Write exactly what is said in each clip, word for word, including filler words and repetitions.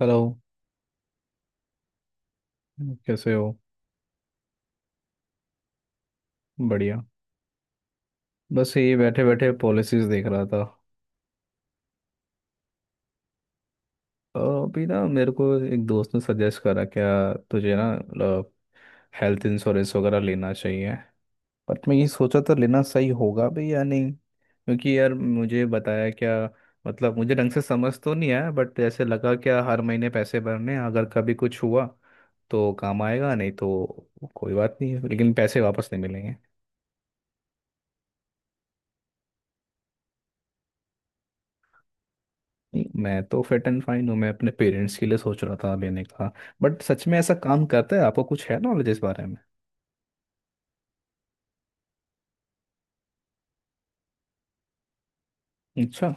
Hello. कैसे हो? बढ़िया। बस ये बैठे बैठे पॉलिसीज देख रहा था। अ, अभी ना मेरे को एक दोस्त ने सजेस्ट करा क्या तुझे ना मतलब हेल्थ इंश्योरेंस वगैरह लेना चाहिए। बट मैं ये सोचा था लेना सही होगा भी या नहीं, क्योंकि यार मुझे बताया क्या, मतलब मुझे ढंग से समझ तो नहीं आया। बट ऐसे लगा क्या हर महीने पैसे भरने हैं, अगर कभी कुछ हुआ तो काम आएगा, नहीं तो कोई बात नहीं है, लेकिन पैसे वापस नहीं मिलेंगे। नहीं, मैं तो फिट एंड फाइन हूँ, मैं अपने पेरेंट्स के लिए सोच रहा था लेने का। बट सच में ऐसा काम करता है? आपको कुछ है नॉलेज इस बारे में? अच्छा।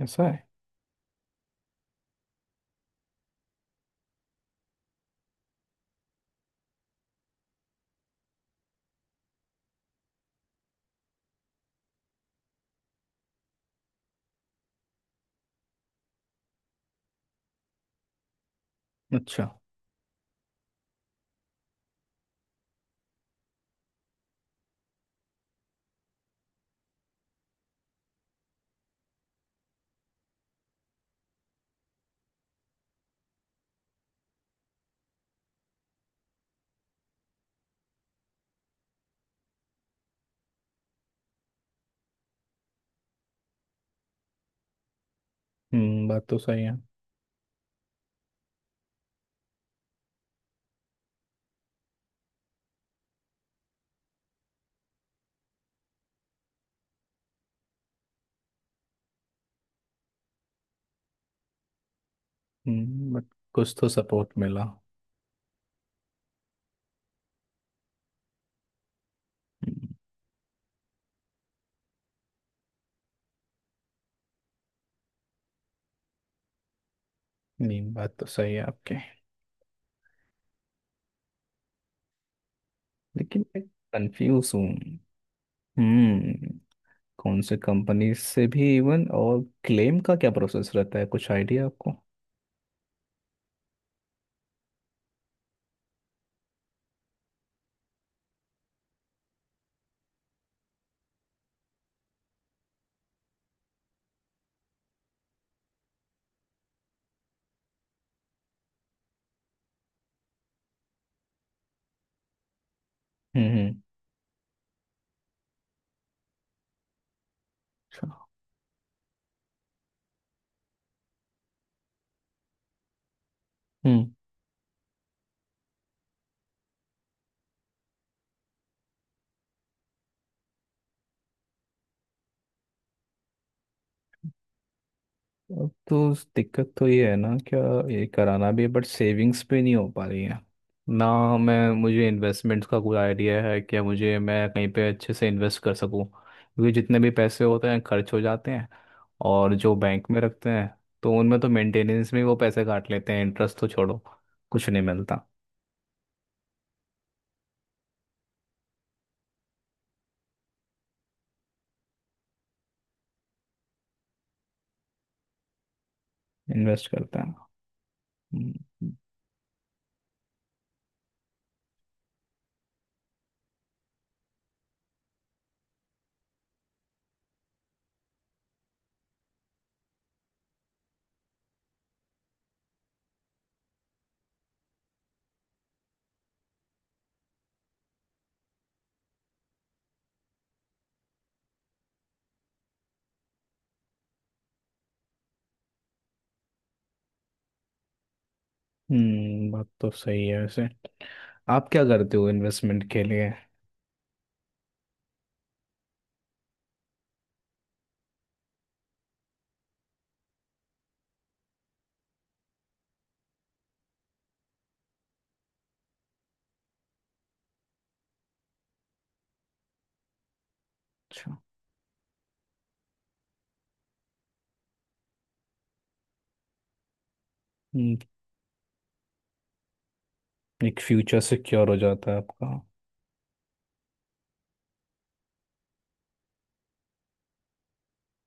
ऐसा है? अच्छा। हम्म, बात तो सही है। हम्म। बट कुछ तो सपोर्ट मिला। हम्म। नहीं, बात तो सही है आपके, लेकिन मैं कंफ्यूज हूँ। हम्म। कौन से कंपनी से भी इवन, और क्लेम का क्या प्रोसेस रहता है, कुछ आइडिया आपको? हम्म। हम्म। अच्छा। अब तो उस दिक्कत तो ये है ना क्या, ये कराना भी है बट सेविंग्स पे नहीं हो पा रही है ना। मैं मुझे इन्वेस्टमेंट्स का कोई आइडिया है कि मुझे, मैं कहीं पे अच्छे से इन्वेस्ट कर सकूं, क्योंकि जितने भी पैसे होते हैं खर्च हो जाते हैं। और जो बैंक में रखते हैं तो उनमें तो मेंटेनेंस में वो पैसे काट लेते हैं, इंटरेस्ट तो छोड़ो, कुछ नहीं मिलता। इन्वेस्ट करते हैं। हम्म। हम्म, बात तो सही है वैसे। आप क्या करते हो इन्वेस्टमेंट के लिए? अच्छा। हम्म। एक फ्यूचर सिक्योर हो जाता है आपका।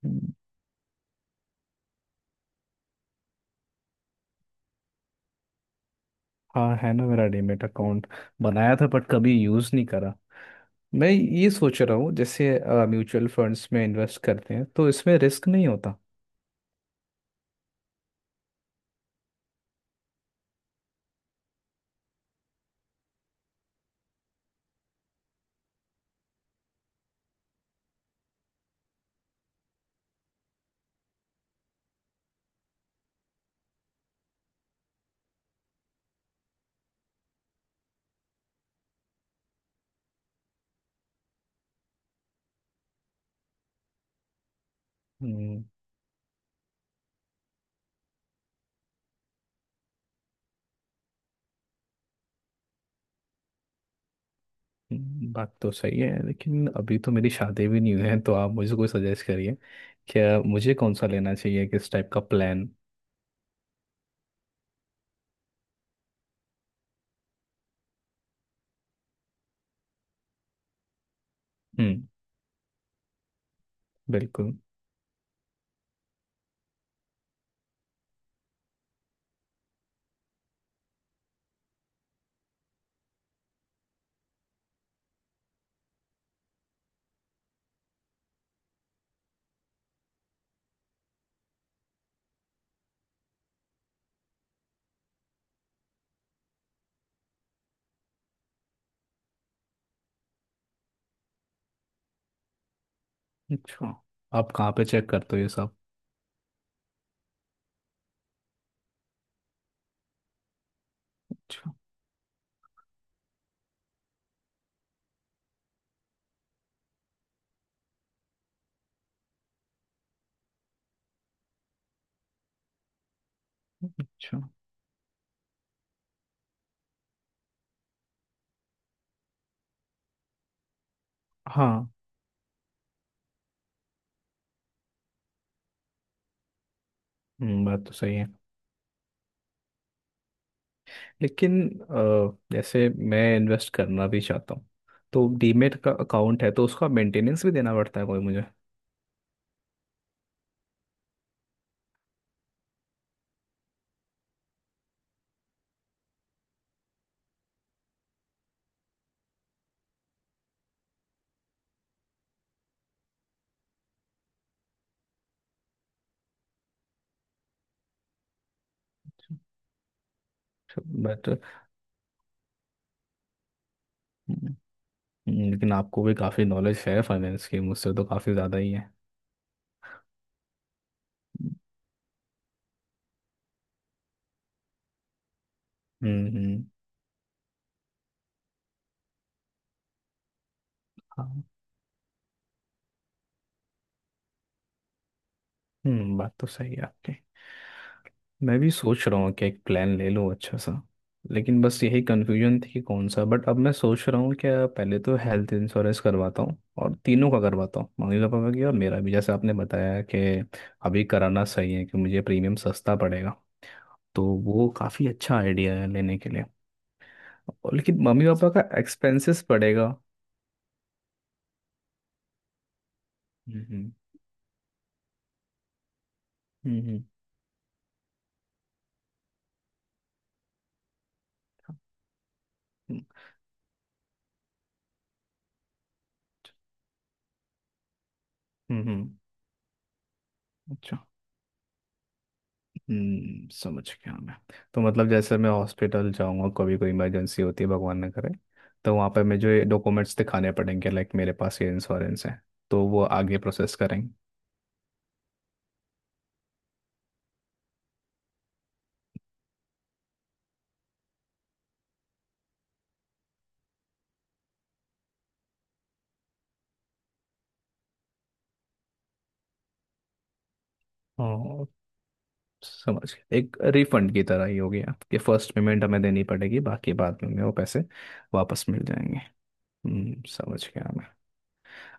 हम्म। हाँ है ना, मेरा डीमेट अकाउंट बनाया था बट कभी यूज़ नहीं करा। मैं ये सोच रहा हूँ जैसे म्यूचुअल फंड्स में इन्वेस्ट करते हैं तो इसमें रिस्क नहीं होता? हम्म। हम्म, बात तो सही है, लेकिन अभी तो मेरी शादी भी नहीं हुई है, तो आप मुझे कोई सजेस्ट करिए क्या मुझे कौन सा लेना चाहिए, किस टाइप का प्लान। हम्म। बिल्कुल। अच्छा। आप कहाँ पे चेक करते हो ये सब? अच्छा। अच्छा। हाँ। हम्म, बात तो सही है। लेकिन अ, जैसे मैं इन्वेस्ट करना भी चाहता हूँ, तो डीमेट का अकाउंट है तो उसका मेंटेनेंस भी देना पड़ता है कोई मुझे? बट लेकिन आपको भी काफ़ी नॉलेज है फाइनेंस की, मुझसे तो काफ़ी ज़्यादा ही है। हम्म। हम्म। हाँ। हम्म, बात तो सही है आपकी। मैं भी सोच रहा हूँ कि एक प्लान ले लूँ अच्छा सा। लेकिन बस यही कन्फ्यूजन थी कि कौन सा, बट अब मैं सोच रहा हूँ क्या पहले तो हेल्थ इंश्योरेंस करवाता हूँ, और तीनों का करवाता हूँ, मम्मी पापा का भी और मेरा भी, जैसे आपने बताया कि अभी कराना सही है कि मुझे प्रीमियम सस्ता पड़ेगा, तो वो काफ़ी अच्छा आइडिया है लेने के लिए। और लेकिन मम्मी पापा का एक्सपेंसेस पड़ेगा। हम्म। हम्म। हम्म। हम्म। हम्म। हम्म। अच्छा। हम्म, समझ गया मैं। तो मतलब जैसे मैं हॉस्पिटल जाऊंगा कभी, कोई इमरजेंसी होती है भगवान ना करे, तो वहाँ पे मैं जो ये डॉक्यूमेंट्स दिखाने पड़ेंगे लाइक मेरे पास ये इंश्योरेंस है, तो वो आगे प्रोसेस करेंगे? और समझ गया, एक रिफंड की तरह ही हो गया कि फर्स्ट पेमेंट हमें देनी पड़ेगी, बाकी बाद में हमें वो पैसे वापस मिल जाएंगे। हम्म, समझ गया मैं।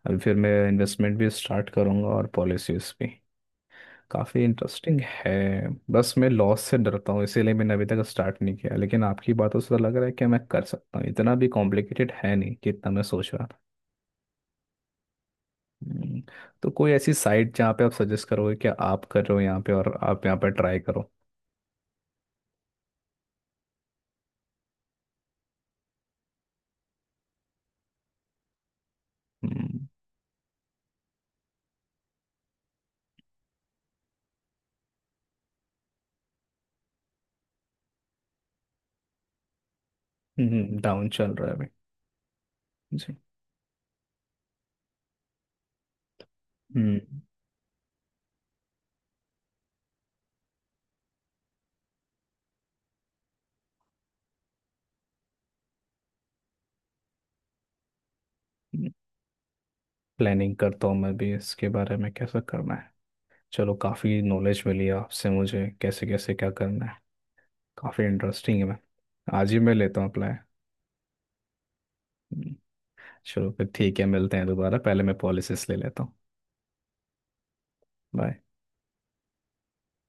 अभी फिर मैं इन्वेस्टमेंट भी स्टार्ट करूंगा और पॉलिसीज भी। काफ़ी इंटरेस्टिंग है। बस मैं लॉस से डरता हूँ इसीलिए मैंने अभी तक स्टार्ट नहीं किया, लेकिन आपकी बातों से तो लग रहा है कि मैं कर सकता हूँ, इतना भी कॉम्प्लिकेटेड है नहीं जितना मैं सोच रहा था। हम्म। तो कोई ऐसी साइट जहाँ पे आप सजेस्ट करोगे कि आप कर रहे हो यहाँ पे और आप यहाँ पे ट्राई करो? हम्म। डाउन चल रहा है अभी? जी। हम्म। प्लानिंग करता हूँ मैं भी इसके बारे में, कैसा करना है। चलो, काफ़ी नॉलेज मिली आपसे मुझे कैसे कैसे क्या करना है। काफ़ी इंटरेस्टिंग है। मैं आज ही मैं लेता हूँ अप्लाई। चलो फिर ठीक है, मिलते हैं दोबारा, पहले मैं पॉलिसिस ले लेता हूँ। बाय।